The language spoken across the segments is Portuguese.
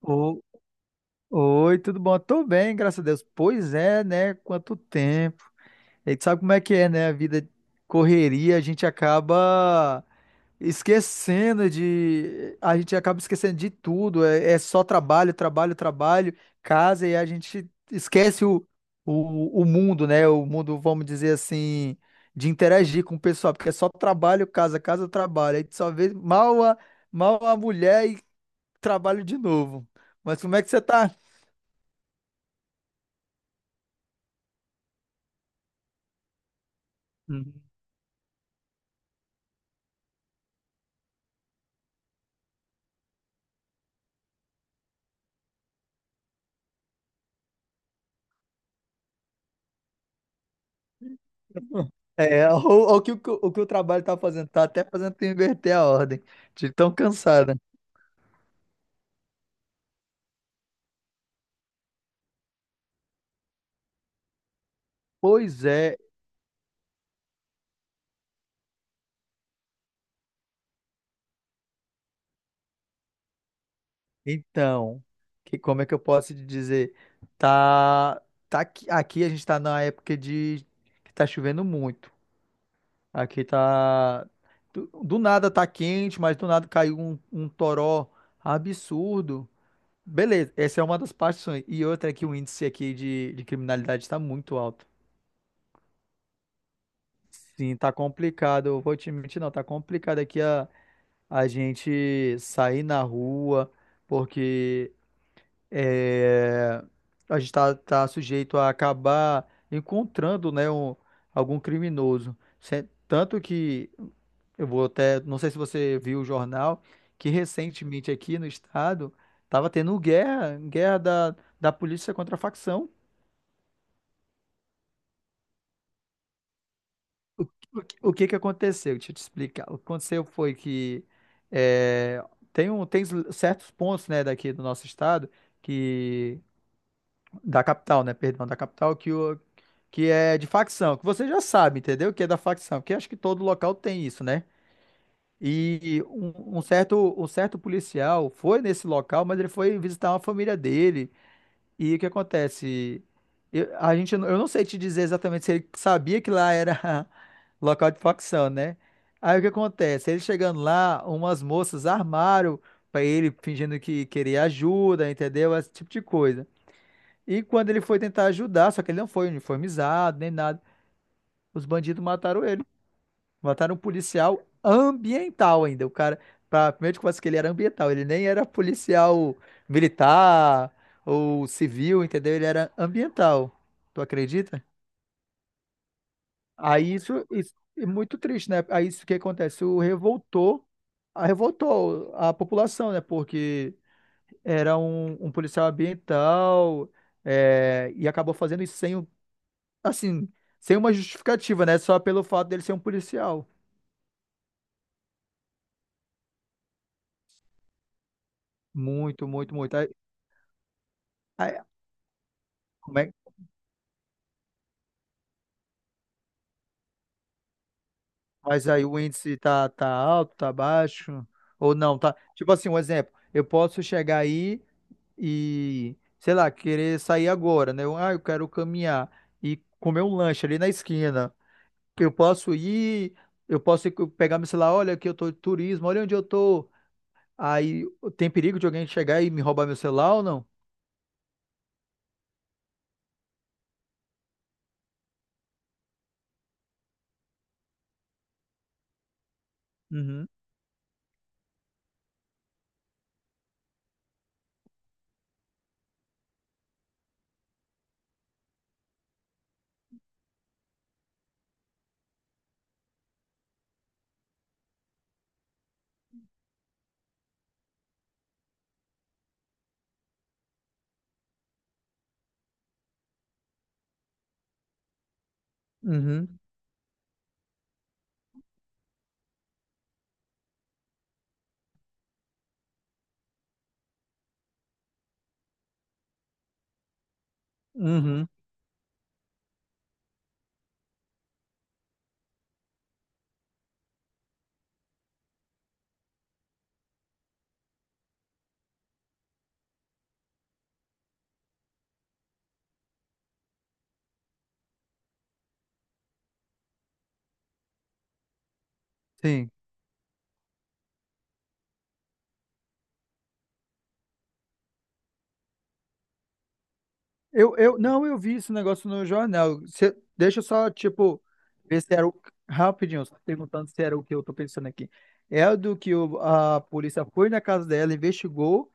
O- Oi, tudo bom? Tô bem, graças a Deus. Pois é, né? Quanto tempo. A gente sabe como é que é, né? A vida correria, a gente acaba esquecendo de. A gente acaba esquecendo de tudo. É só trabalho, trabalho, trabalho, casa, e a gente esquece o mundo, né? O mundo, vamos dizer assim, de interagir com o pessoal, porque é só trabalho, casa, casa, trabalho. Aí tu só vê mal a mulher e trabalho de novo. Mas como é que você tá? Uhum. É, o, o que o trabalho tá fazendo, tá até fazendo tu inverter a ordem, de tão cansada. Pois é, então, que, como é que eu posso te dizer? Tá, tá aqui, aqui a gente tá na época de que tá chovendo muito. Aqui tá, do nada tá quente, mas do nada caiu um toró absurdo. Beleza, essa é uma das partes. E outra é que o índice aqui de criminalidade está muito alto. Sim, tá complicado. Eu vou te mentir, não, tá complicado a gente sair na rua, porque é, a gente tá sujeito a acabar encontrando, né, algum criminoso. Tanto que eu vou até, não sei se você viu o jornal, que recentemente aqui no estado tava tendo guerra, guerra da polícia contra a facção. O que que aconteceu? Deixa eu te explicar. O que aconteceu foi que é, tem certos pontos, né, daqui do nosso estado, que da capital, né, perdão, da capital, que, o, que é de facção, que você já sabe, entendeu? Que é da facção, que acho que todo local tem isso, né? E um certo policial foi nesse local, mas ele foi visitar uma família dele, e o que acontece? Eu não sei te dizer exatamente se ele sabia que lá era local de facção, né? Aí o que acontece? Ele chegando lá, umas moças armaram pra ele, fingindo que queria ajuda, entendeu? Esse tipo de coisa. E quando ele foi tentar ajudar, só que ele não foi uniformizado nem nada, os bandidos mataram ele. Mataram um policial ambiental ainda. O cara, primeiro de conversa que ele era ambiental, ele nem era policial militar ou civil, entendeu? Ele era ambiental. Tu acredita? Aí isso é muito triste, né? Aí isso que acontece, revoltou a população, né? Porque era um policial ambiental é, e acabou fazendo isso sem, um- assim, sem uma justificativa, né? Só pelo fato dele ser um policial. Muito, muito, muito. Aí- como é- Mas aí o índice tá, tá alto, tá baixo, ou não, tá? Tipo assim, um exemplo, eu posso chegar aí e, sei lá, querer sair agora, né? Eu, ah, eu quero caminhar e comer um lanche ali na esquina. Eu posso ir, eu posso pegar meu celular, olha aqui eu tô de turismo, olha onde eu tô. Aí tem perigo de alguém chegar e me roubar meu celular ou não? Uhum, uhum, uhum, sim. Não, eu vi esse negócio no jornal. Deixa eu só, tipo, ver se era o. Rapidinho, só perguntando se era o que eu tô pensando aqui. É o do a polícia foi na casa dela, investigou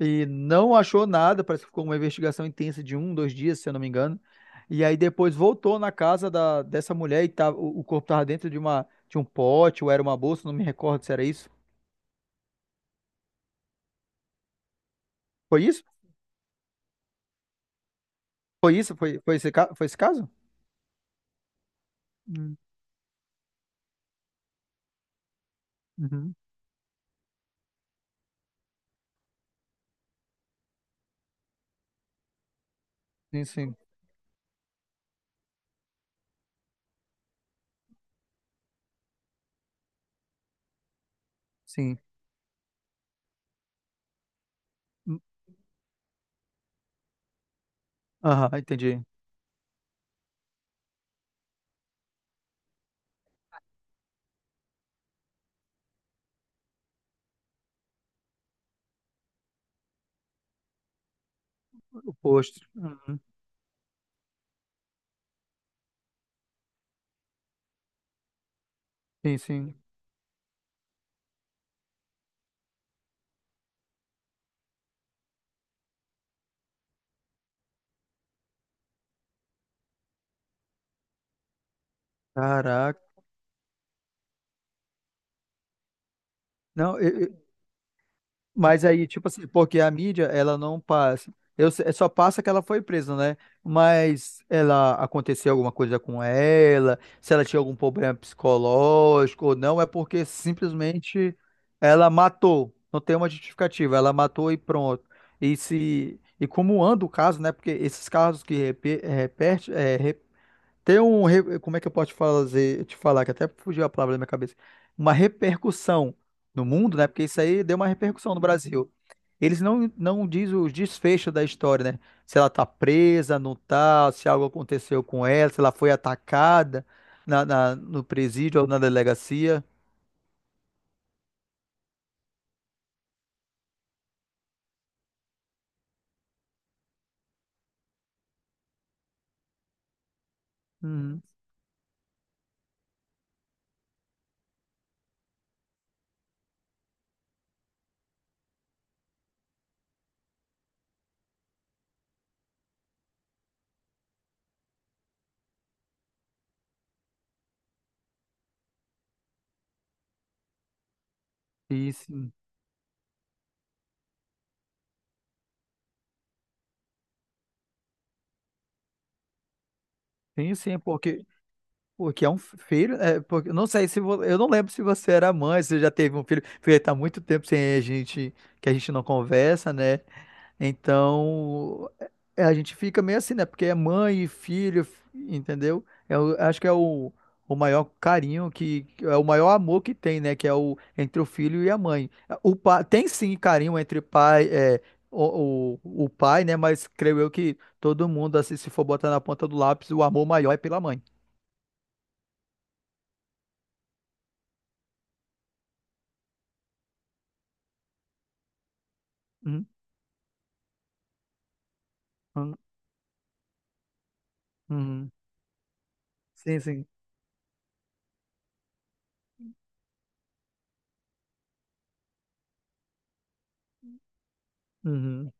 e não achou nada. Parece que ficou uma investigação intensa de um, dois dias, se eu não me engano. E aí depois voltou na casa dessa mulher e tava, o corpo tava dentro de uma, de um pote ou era uma bolsa, não me recordo se era isso. Foi isso? Foi isso? Foi, foi foi esse caso? Hum. Uhum. Sim, sim, sim. Hum. Aham, entendi. O posto. Uhum. Sim, sim. Caraca. Não, mas aí, tipo assim, porque a mídia, ela não passa. Eu, se- é só passa que ela foi presa, né? Mas ela aconteceu alguma coisa com ela, se ela tinha algum problema psicológico ou não, é porque simplesmente ela matou. Não tem uma justificativa, ela matou e pronto. E se e como anda o caso, né? Porque esses casos repete, Como é que eu posso te fazer, te falar, que até fugiu a palavra da minha cabeça. Uma repercussão no mundo, né? Porque isso aí deu uma repercussão no Brasil. Eles não diz os desfechos da história, né? Se ela tá presa, não tá, se algo aconteceu com ela, se ela foi atacada no presídio ou na delegacia. Uhum. Sim, sim, sim, porque é um filho, é, porque, eu não sei se vo- eu não lembro se você era mãe, se você já teve um filho, porque tá muito tempo sem a gente, que a gente não conversa, né? Então, a gente fica meio assim, né? Porque é mãe e filho, entendeu? Eu acho que é o maior carinho que é o maior amor que tem, né? Que é o entre o filho e a mãe. O pai tem sim carinho entre pai, é, o pai, né? Mas creio eu que todo mundo, assim, se for botar na ponta do lápis, o amor maior é pela mãe. Uhum, uhum, uhum. Sim, sim. Uhum,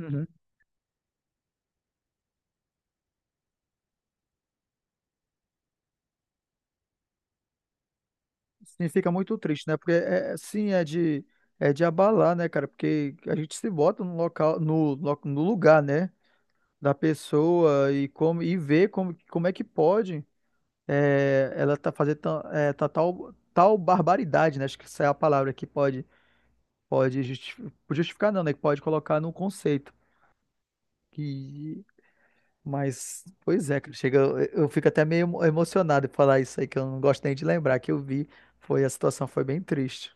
uhum. Sim, fica muito triste, né? Porque é de abalar, né, cara? Porque a gente se bota no local, no lugar, né, da pessoa e como e vê como, como é que pode é, ela tá é, tá tal tal barbaridade, né? Acho que essa é a palavra que pode pode justi- justificar, não, né? Que pode colocar no conceito. Que mas pois é, cara, chega eu fico até meio emocionado em falar isso aí que eu não gosto nem de lembrar que eu vi, foi a situação foi bem triste.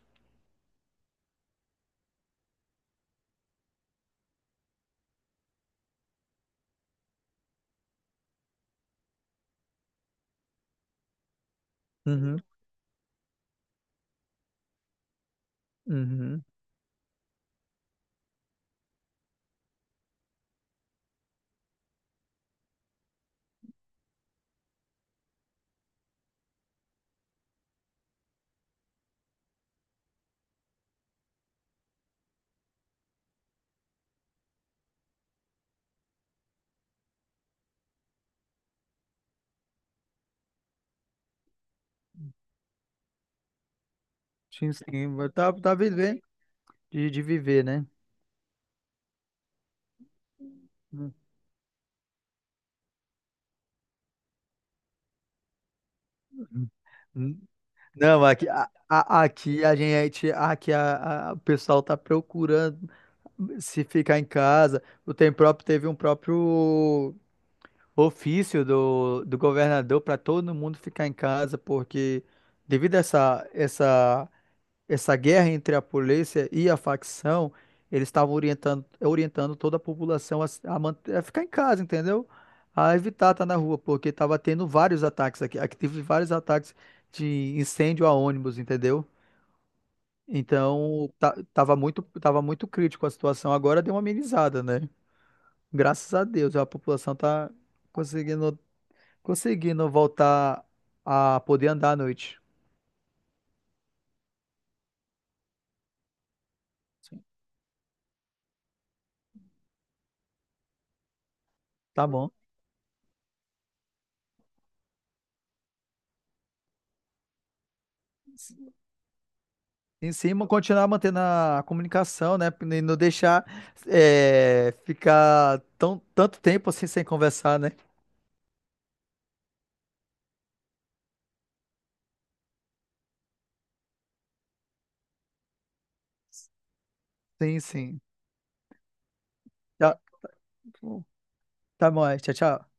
Uhum. Uhum. Sim, sim. Mas tá, tá vivendo de viver, né? Uhum. Não, aqui a gente, o pessoal tá procurando se ficar em casa. O tem próprio teve um próprio ofício do governador para todo mundo ficar em casa, porque devido a essa guerra entre a polícia e a facção, eles estavam orientando, orientando toda a população a, se- a man- a ficar em casa, entendeu? A evitar estar na rua, porque estava tendo vários ataques aqui. Aqui teve vários ataques de incêndio a ônibus, entendeu? Então, tá, tava muito crítico a situação. Agora deu uma amenizada, né? Graças a Deus, a população tá conseguindo, conseguindo voltar a poder andar à noite. Tá bom. Em cima, continuar mantendo a comunicação, né? E não deixar é, ficar tão, tanto tempo assim sem conversar, né? Sim, sim. Tá, tá bom, é. Tchau, tchau.